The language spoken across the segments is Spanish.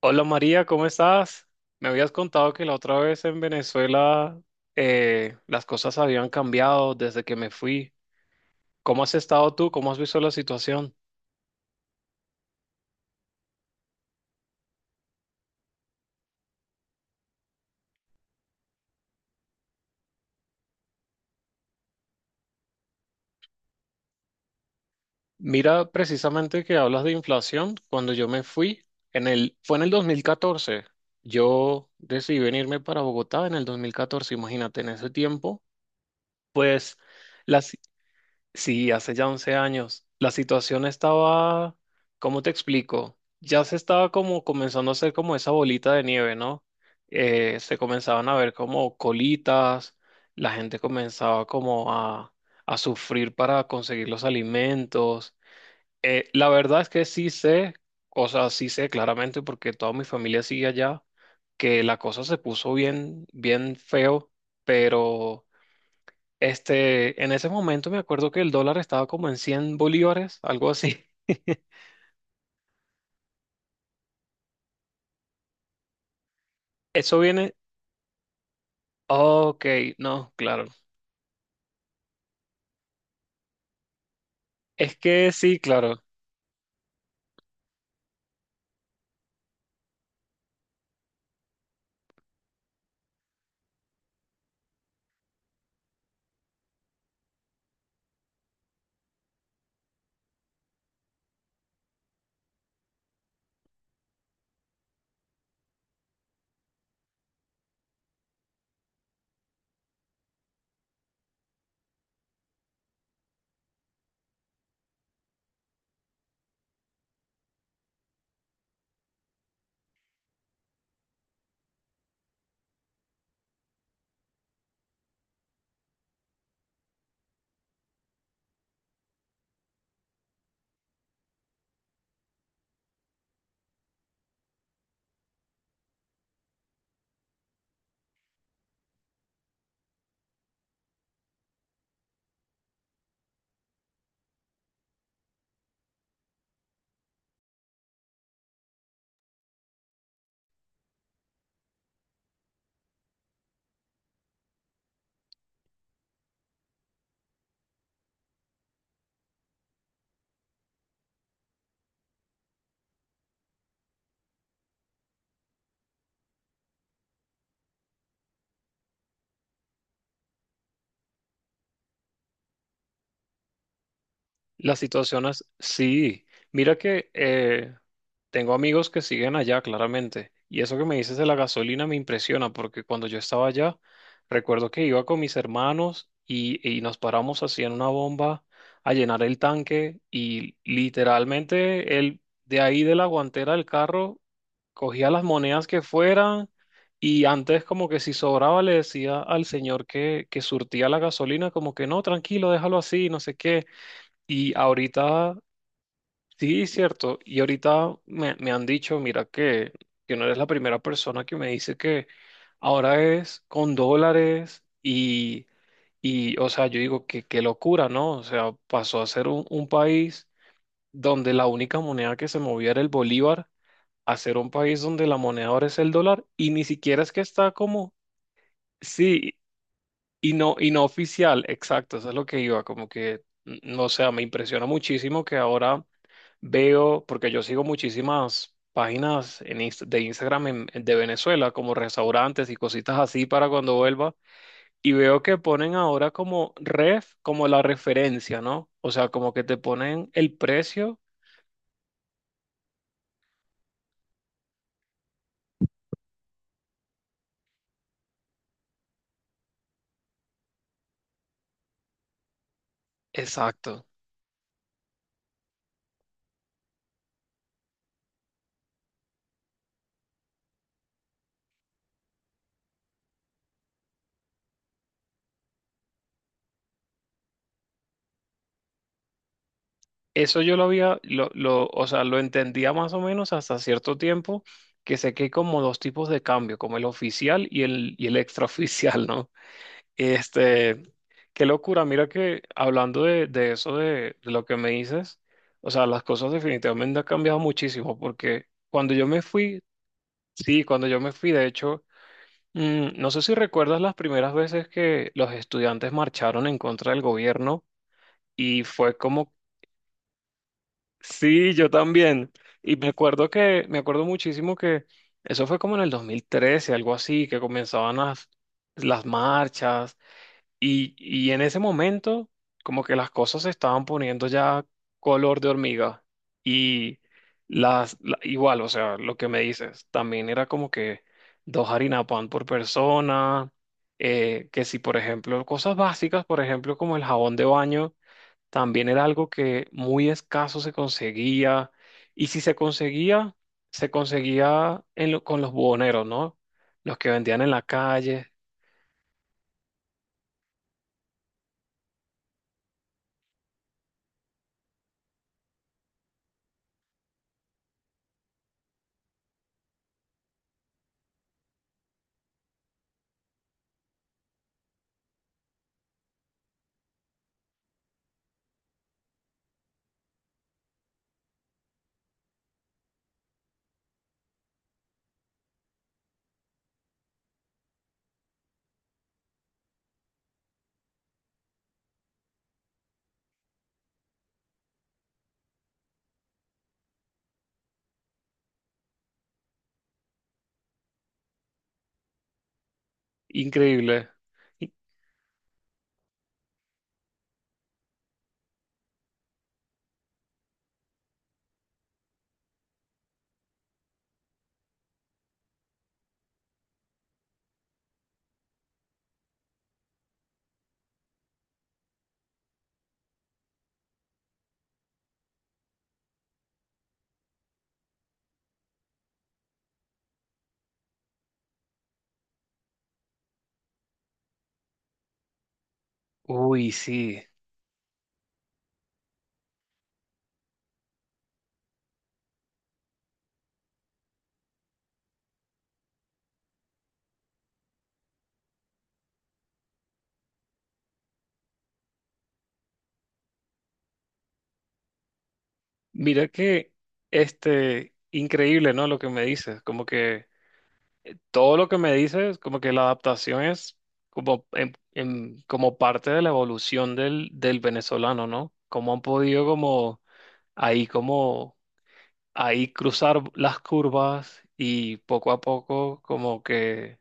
Hola María, ¿cómo estás? Me habías contado que la otra vez en Venezuela las cosas habían cambiado desde que me fui. ¿Cómo has estado tú? ¿Cómo has visto la situación? Mira, precisamente que hablas de inflación, cuando yo me fui, fue en el 2014. Yo decidí venirme para Bogotá en el 2014. Imagínate, en ese tiempo, pues las... Sí, hace ya 11 años. La situación estaba, ¿cómo te explico? Ya se estaba como comenzando a hacer como esa bolita de nieve, ¿no? Se comenzaban a ver como colitas, la gente comenzaba a sufrir para conseguir los alimentos. La verdad es que sí sé, o sea, sí sé claramente porque toda mi familia sigue allá, que la cosa se puso bien, bien feo, pero... Este, en ese momento me acuerdo que el dólar estaba como en 100 bolívares, algo así. Eso viene. Ok, no, claro. Es que sí, claro. Las situaciones, sí. Mira que tengo amigos que siguen allá, claramente. Y eso que me dices de la gasolina me impresiona, porque cuando yo estaba allá, recuerdo que iba con mis hermanos y nos paramos así en una bomba a llenar el tanque y literalmente él, de ahí de la guantera del carro, cogía las monedas que fueran y antes como que si sobraba le decía al señor que surtía la gasolina, como que no, tranquilo, déjalo así, no sé qué. Y ahorita, sí, cierto, y ahorita me han dicho, mira que no eres la primera persona que me dice que ahora es con dólares y o sea, yo digo que qué locura, ¿no? O sea, pasó a ser un país donde la única moneda que se movía era el bolívar, a ser un país donde la moneda ahora es el dólar y ni siquiera es que está como, sí. Y no oficial, exacto, eso es lo que iba, como que, no sé, me impresiona muchísimo que ahora veo, porque yo sigo muchísimas páginas en de Instagram de Venezuela, como restaurantes y cositas así para cuando vuelva, y veo que ponen ahora como ref, como la referencia, ¿no? O sea, como que te ponen el precio exacto. Eso yo lo había, o sea, lo entendía más o menos hasta cierto tiempo, que sé que hay como dos tipos de cambio, como el oficial y el extraoficial, ¿no? Este, qué locura, mira que hablando de eso, de lo que me dices, o sea, las cosas definitivamente han cambiado muchísimo, porque cuando yo me fui, sí, cuando yo me fui, de hecho, mm, no sé si recuerdas las primeras veces que los estudiantes marcharon en contra del gobierno y fue como... Sí, yo también. Y me acuerdo que, me acuerdo muchísimo que eso fue como en el 2013, algo así, que comenzaban las marchas y en ese momento como que las cosas se estaban poniendo ya color de hormiga y las, igual, o sea, lo que me dices, también era como que dos harina pan por persona, que si por ejemplo cosas básicas, por ejemplo como el jabón de baño también era algo que muy escaso se conseguía y si se conseguía, se conseguía en con los buhoneros, ¿no? Los que vendían en la calle. Increíble. Y... Uy, sí. Mira que, este, increíble, ¿no? Lo que me dices, como que todo lo que me dices, como que la adaptación es como, como parte de la evolución del, del venezolano, ¿no? Cómo han podido como ahí cruzar las curvas y poco a poco como que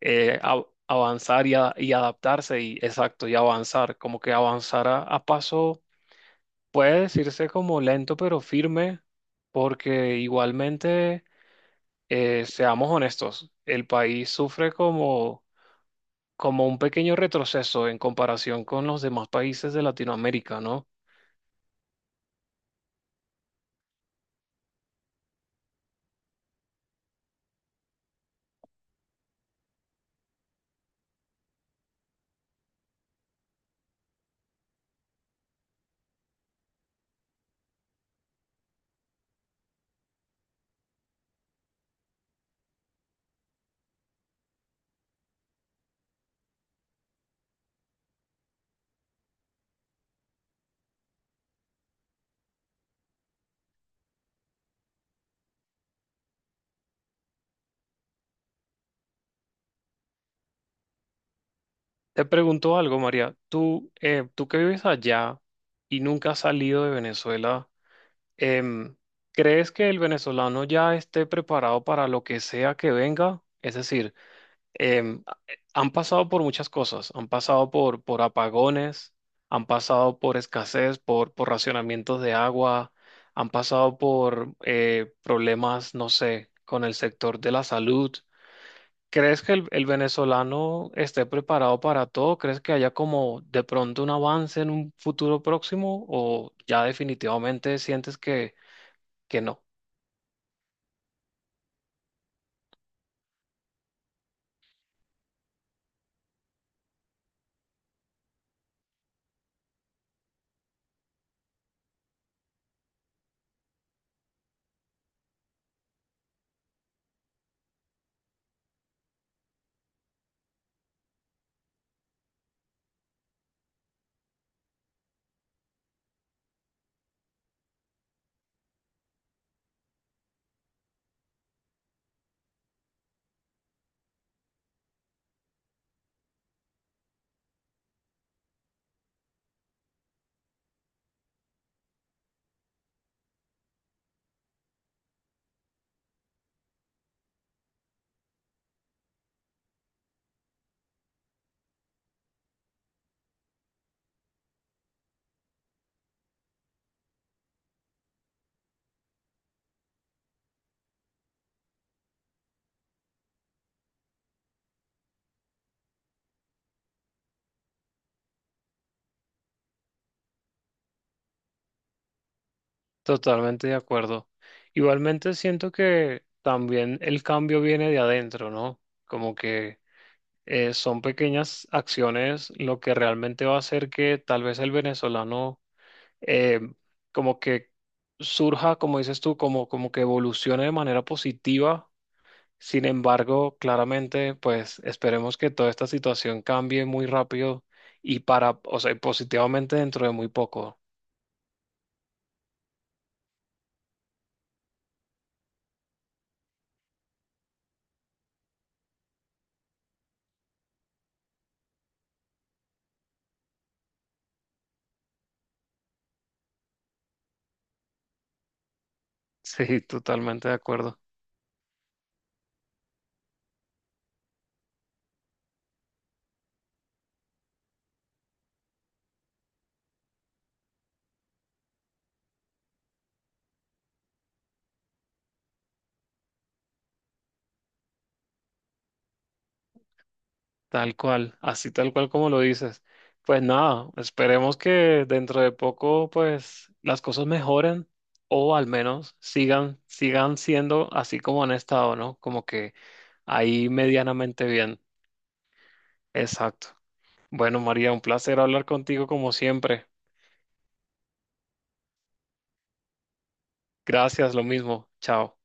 avanzar y adaptarse y exacto, y avanzar, como que avanzar a paso, puede decirse como lento pero firme, porque igualmente, seamos honestos, el país sufre como, como un pequeño retroceso en comparación con los demás países de Latinoamérica, ¿no? Te pregunto algo, María. Tú, tú que vives allá y nunca has salido de Venezuela, Em, ¿crees que el venezolano ya esté preparado para lo que sea que venga? Es decir, em, a- han pasado por muchas cosas, han pasado por apagones, han pasado por escasez, por racionamientos de agua, han pasado por problemas, no sé, con el sector de la salud. ¿Crees que el venezolano esté preparado para todo? ¿Crees que haya como de pronto un avance en un futuro próximo o ya definitivamente sientes que no? Totalmente de acuerdo. Igualmente siento que también el cambio viene de adentro, ¿no? Como que son pequeñas acciones lo que realmente va a hacer que tal vez el venezolano eh, como que surja, como dices tú, como, como que evolucione de manera positiva. Sin embargo, claramente, pues esperemos que toda esta situación cambie muy rápido y para, o sea, positivamente dentro de muy poco. Sí, totalmente de acuerdo. Tal cual, así tal cual como lo dices. Pues nada, esperemos que dentro de poco pues las cosas mejoren o al menos sigan siendo así como han estado, ¿no? Como que ahí medianamente bien. Exacto. Bueno, María, un placer hablar contigo como siempre. Gracias, lo mismo. Chao.